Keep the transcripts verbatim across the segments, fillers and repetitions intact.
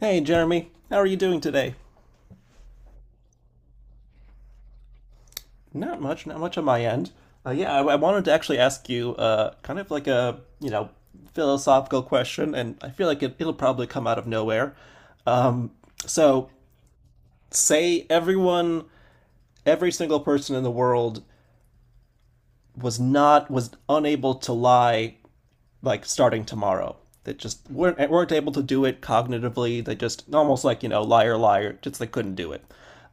Hey, Jeremy, how are you doing today? Not much, not much on my end. Uh, yeah, I, I wanted to actually ask you, uh, kind of like a, you know, philosophical question, and I feel like it, it'll probably come out of nowhere. So, say everyone, every single person in the world was not, was unable to lie like starting tomorrow. They just weren't, weren't able to do it cognitively. They just almost like you know liar liar. Just they couldn't do it.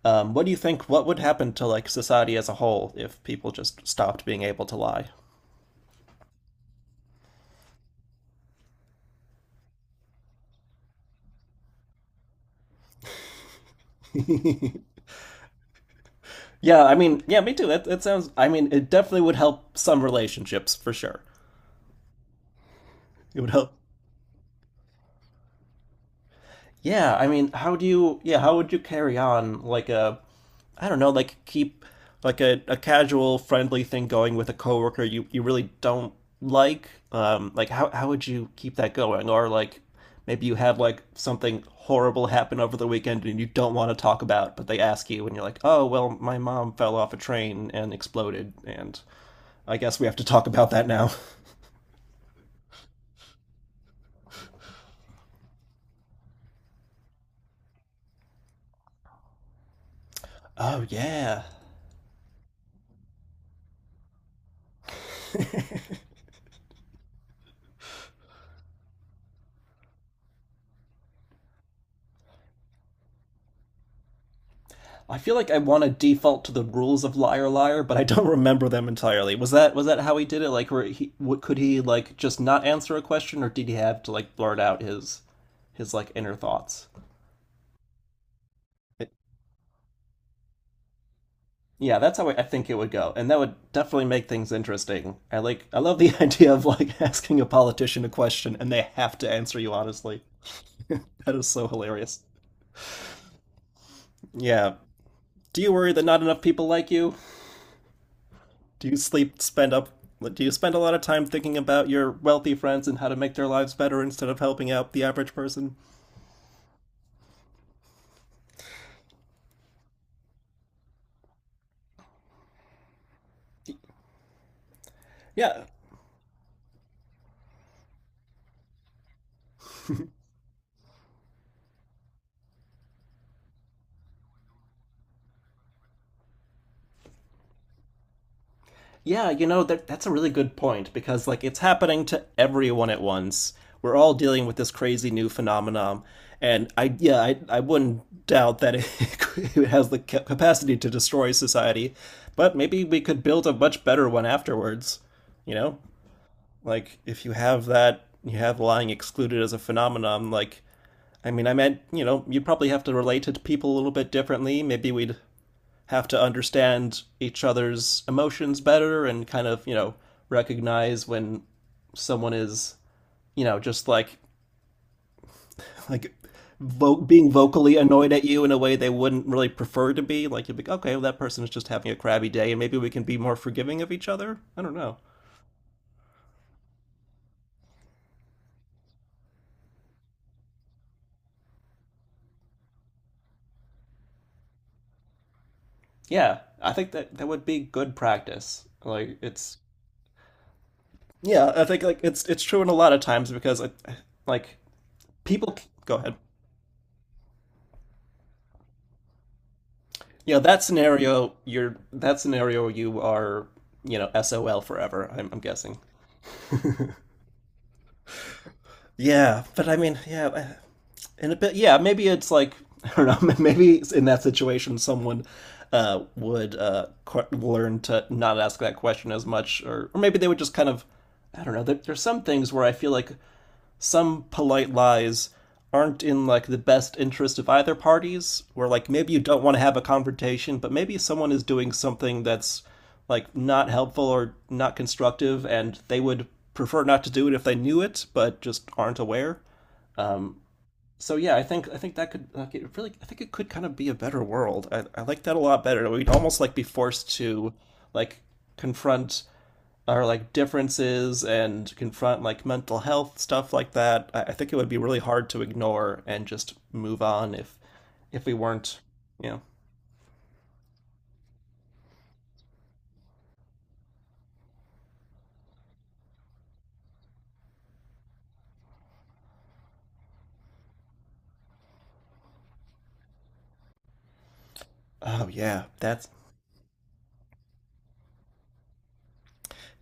Um, what do you think? What would happen to like society as a whole if people just stopped being able to lie? Yeah, I mean, yeah, me too. That that sounds. I mean, it definitely would help some relationships for sure. It would help. Yeah, I mean, how do you? Yeah, how would you carry on like a I don't know, like keep like a, a casual friendly thing going with a coworker you, you really don't like? Um, like how how would you keep that going? Or like maybe you had like something horrible happen over the weekend and you don't want to talk about, but they ask you and you're like, oh, well, my mom fell off a train and exploded and I guess we have to talk about that now. Oh yeah. I feel like I want to default to the rules of Liar Liar, but I don't remember them entirely. Was that was that how he did it? Like, were he what, could he like just not answer a question, or did he have to like blurt out his his like inner thoughts? It, Yeah, that's how I I think it would go, and that would definitely make things interesting. I like I love the idea of like asking a politician a question and they have to answer you honestly. That is so hilarious. Yeah. Do you worry that not enough people like you? Do you sleep spend up do you spend a lot of time thinking about your wealthy friends and how to make their lives better instead of helping out the average person? Yeah. Yeah, you know that that's a really good point because like it's happening to everyone at once. We're all dealing with this crazy new phenomenon and I yeah, I I wouldn't doubt that it, it has the capacity to destroy society, but maybe we could build a much better one afterwards, you know? Like if you have that you have lying excluded as a phenomenon like I mean, I meant, you know, you'd probably have to relate to people a little bit differently. Maybe we'd have to understand each other's emotions better and kind of, you know, recognize when someone is, you know, just like like vo- being vocally annoyed at you in a way they wouldn't really prefer to be. Like you'd be, like, okay, well, that person is just having a crabby day, and maybe we can be more forgiving of each other. I don't know. Yeah, I think that that would be good practice. Like it's yeah, I think like it's it's true in a lot of times because I, like people go ahead. You know that scenario. You're that scenario. You are you know S O L forever. I'm, I'm guessing. Yeah, but I mean, yeah, uh, in a bit. Yeah, maybe it's like I don't know. Maybe in that situation, someone uh, would uh, qu- learn to not ask that question as much, or or maybe they would just kind of. I don't know. There, there's some things where I feel like some polite lies aren't in like the best interest of either parties where like maybe you don't want to have a confrontation but maybe someone is doing something that's like not helpful or not constructive and they would prefer not to do it if they knew it but just aren't aware so yeah, I think I think that could like it really I think it could kind of be a better world. I, I like that a lot better. We'd almost like be forced to like confront our like differences and confront like mental health stuff like that. I, I think it would be really hard to ignore and just move on if if we weren't, you know. Oh yeah, that's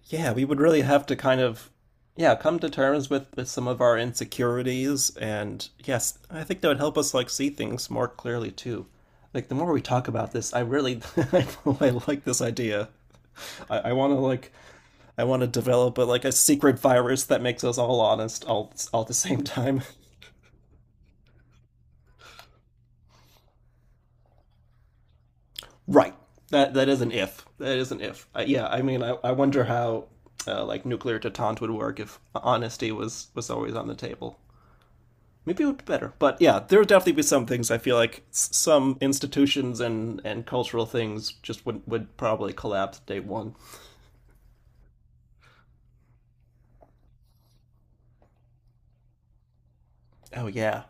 yeah, we would really have to kind of yeah, come to terms with with some of our insecurities and yes, I think that would help us like see things more clearly too. Like the more we talk about this, I really I really like this idea. I, I want to like I want to develop a, like a secret virus that makes us all honest all all at the same time. Right. That that is an if. That is an if. Uh, yeah. I mean, I, I wonder how uh, like nuclear detente would work if honesty was was always on the table. Maybe it would be better. But yeah, there would definitely be some things I feel like some institutions and and cultural things just would would probably collapse day one. Oh yeah,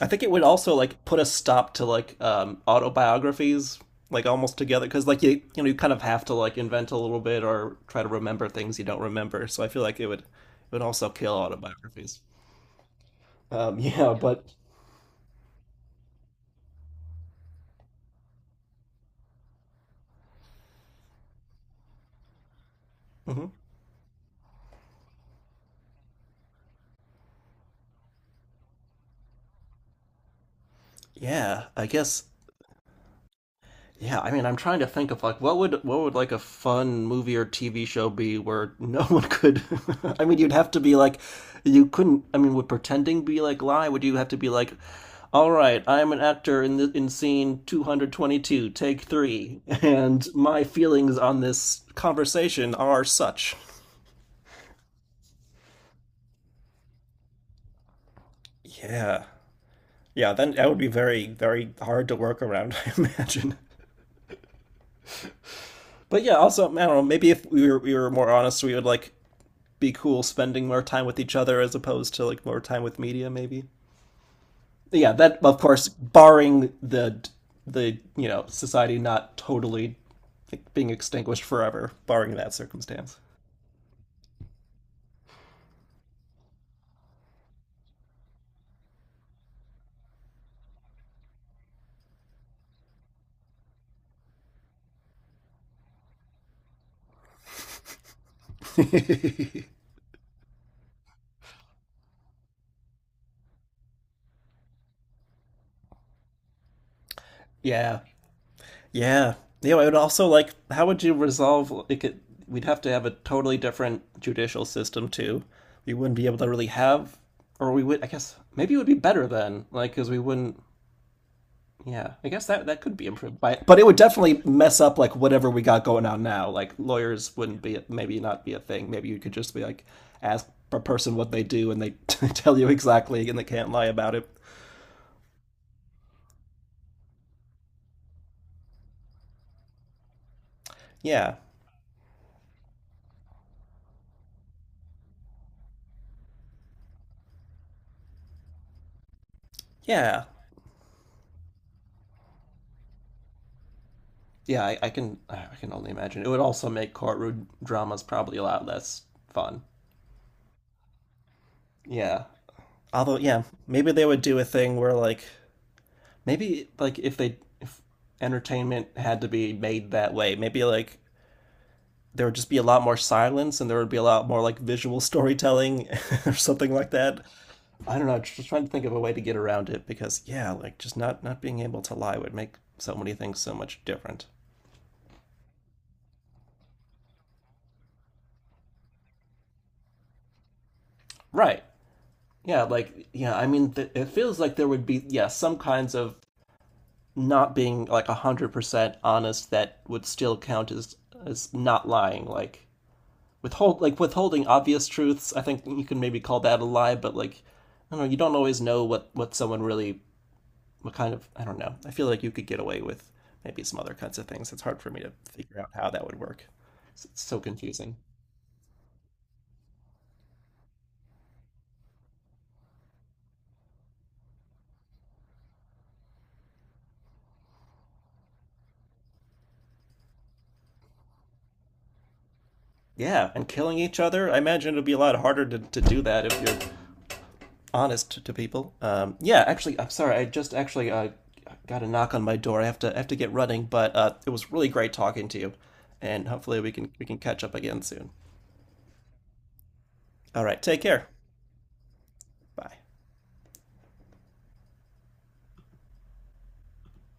I think it would also like put a stop to like um, autobiographies like almost together because like you you know you kind of have to like invent a little bit or try to remember things you don't remember. So I feel like it would it would also kill autobiographies. Um, yeah, but Mhm. Yeah, I guess yeah, I mean, I'm trying to think of like what would what would like a fun movie or T V show be where no one could. I mean, you'd have to be like, you couldn't. I mean, would pretending be like lie? Would you have to be like, all right, I'm an actor in the, in scene two twenty-two, take three, and my feelings on this conversation are such. Yeah, yeah. Then that would be very very hard to work around, I imagine. But yeah, also I don't know. Maybe if we were we were more honest, we would like be cool spending more time with each other as opposed to like more time with media maybe yeah that of course barring the the you know society not totally like, being extinguished forever barring that circumstance. Yeah, yeah, you know I would also like how would you resolve like it, we'd have to have a totally different judicial system too. We wouldn't be able to really have or we would I guess maybe it would be better then like because we wouldn't. Yeah, I guess that that could be improved by it, but it would definitely mess up like whatever we got going on now. Like lawyers wouldn't be maybe not be a thing. Maybe you could just be like ask a person what they do and they tell you exactly and they can't lie about it. Yeah, yeah, yeah. I, I can I can only imagine it would also make courtroom dramas probably a lot less fun. Yeah, although yeah, maybe they would do a thing where like maybe like if they if entertainment had to be made that way, maybe like there would just be a lot more silence and there would be a lot more like visual storytelling or something like that. I don't know, just trying to think of a way to get around it because yeah, like just not not being able to lie would make so many things so much different. Right. Yeah, like yeah, I mean th- it feels like there would be yeah, some kinds of not being like one hundred percent honest that would still count as as not lying like withhold like withholding obvious truths. I think you can maybe call that a lie, but like I don't know, you don't always know what what someone really what kind of I don't know. I feel like you could get away with maybe some other kinds of things. It's hard for me to figure out how that would work. It's, it's so confusing. Yeah, and killing each other. I imagine it'd be a lot harder to, to do that if you're honest to people. Um, yeah, actually, I'm sorry. I just actually uh, got a knock on my door. I have to I have to get running, but uh, it was really great talking to you, and hopefully we can we can catch up again soon. All right, take care. Bye.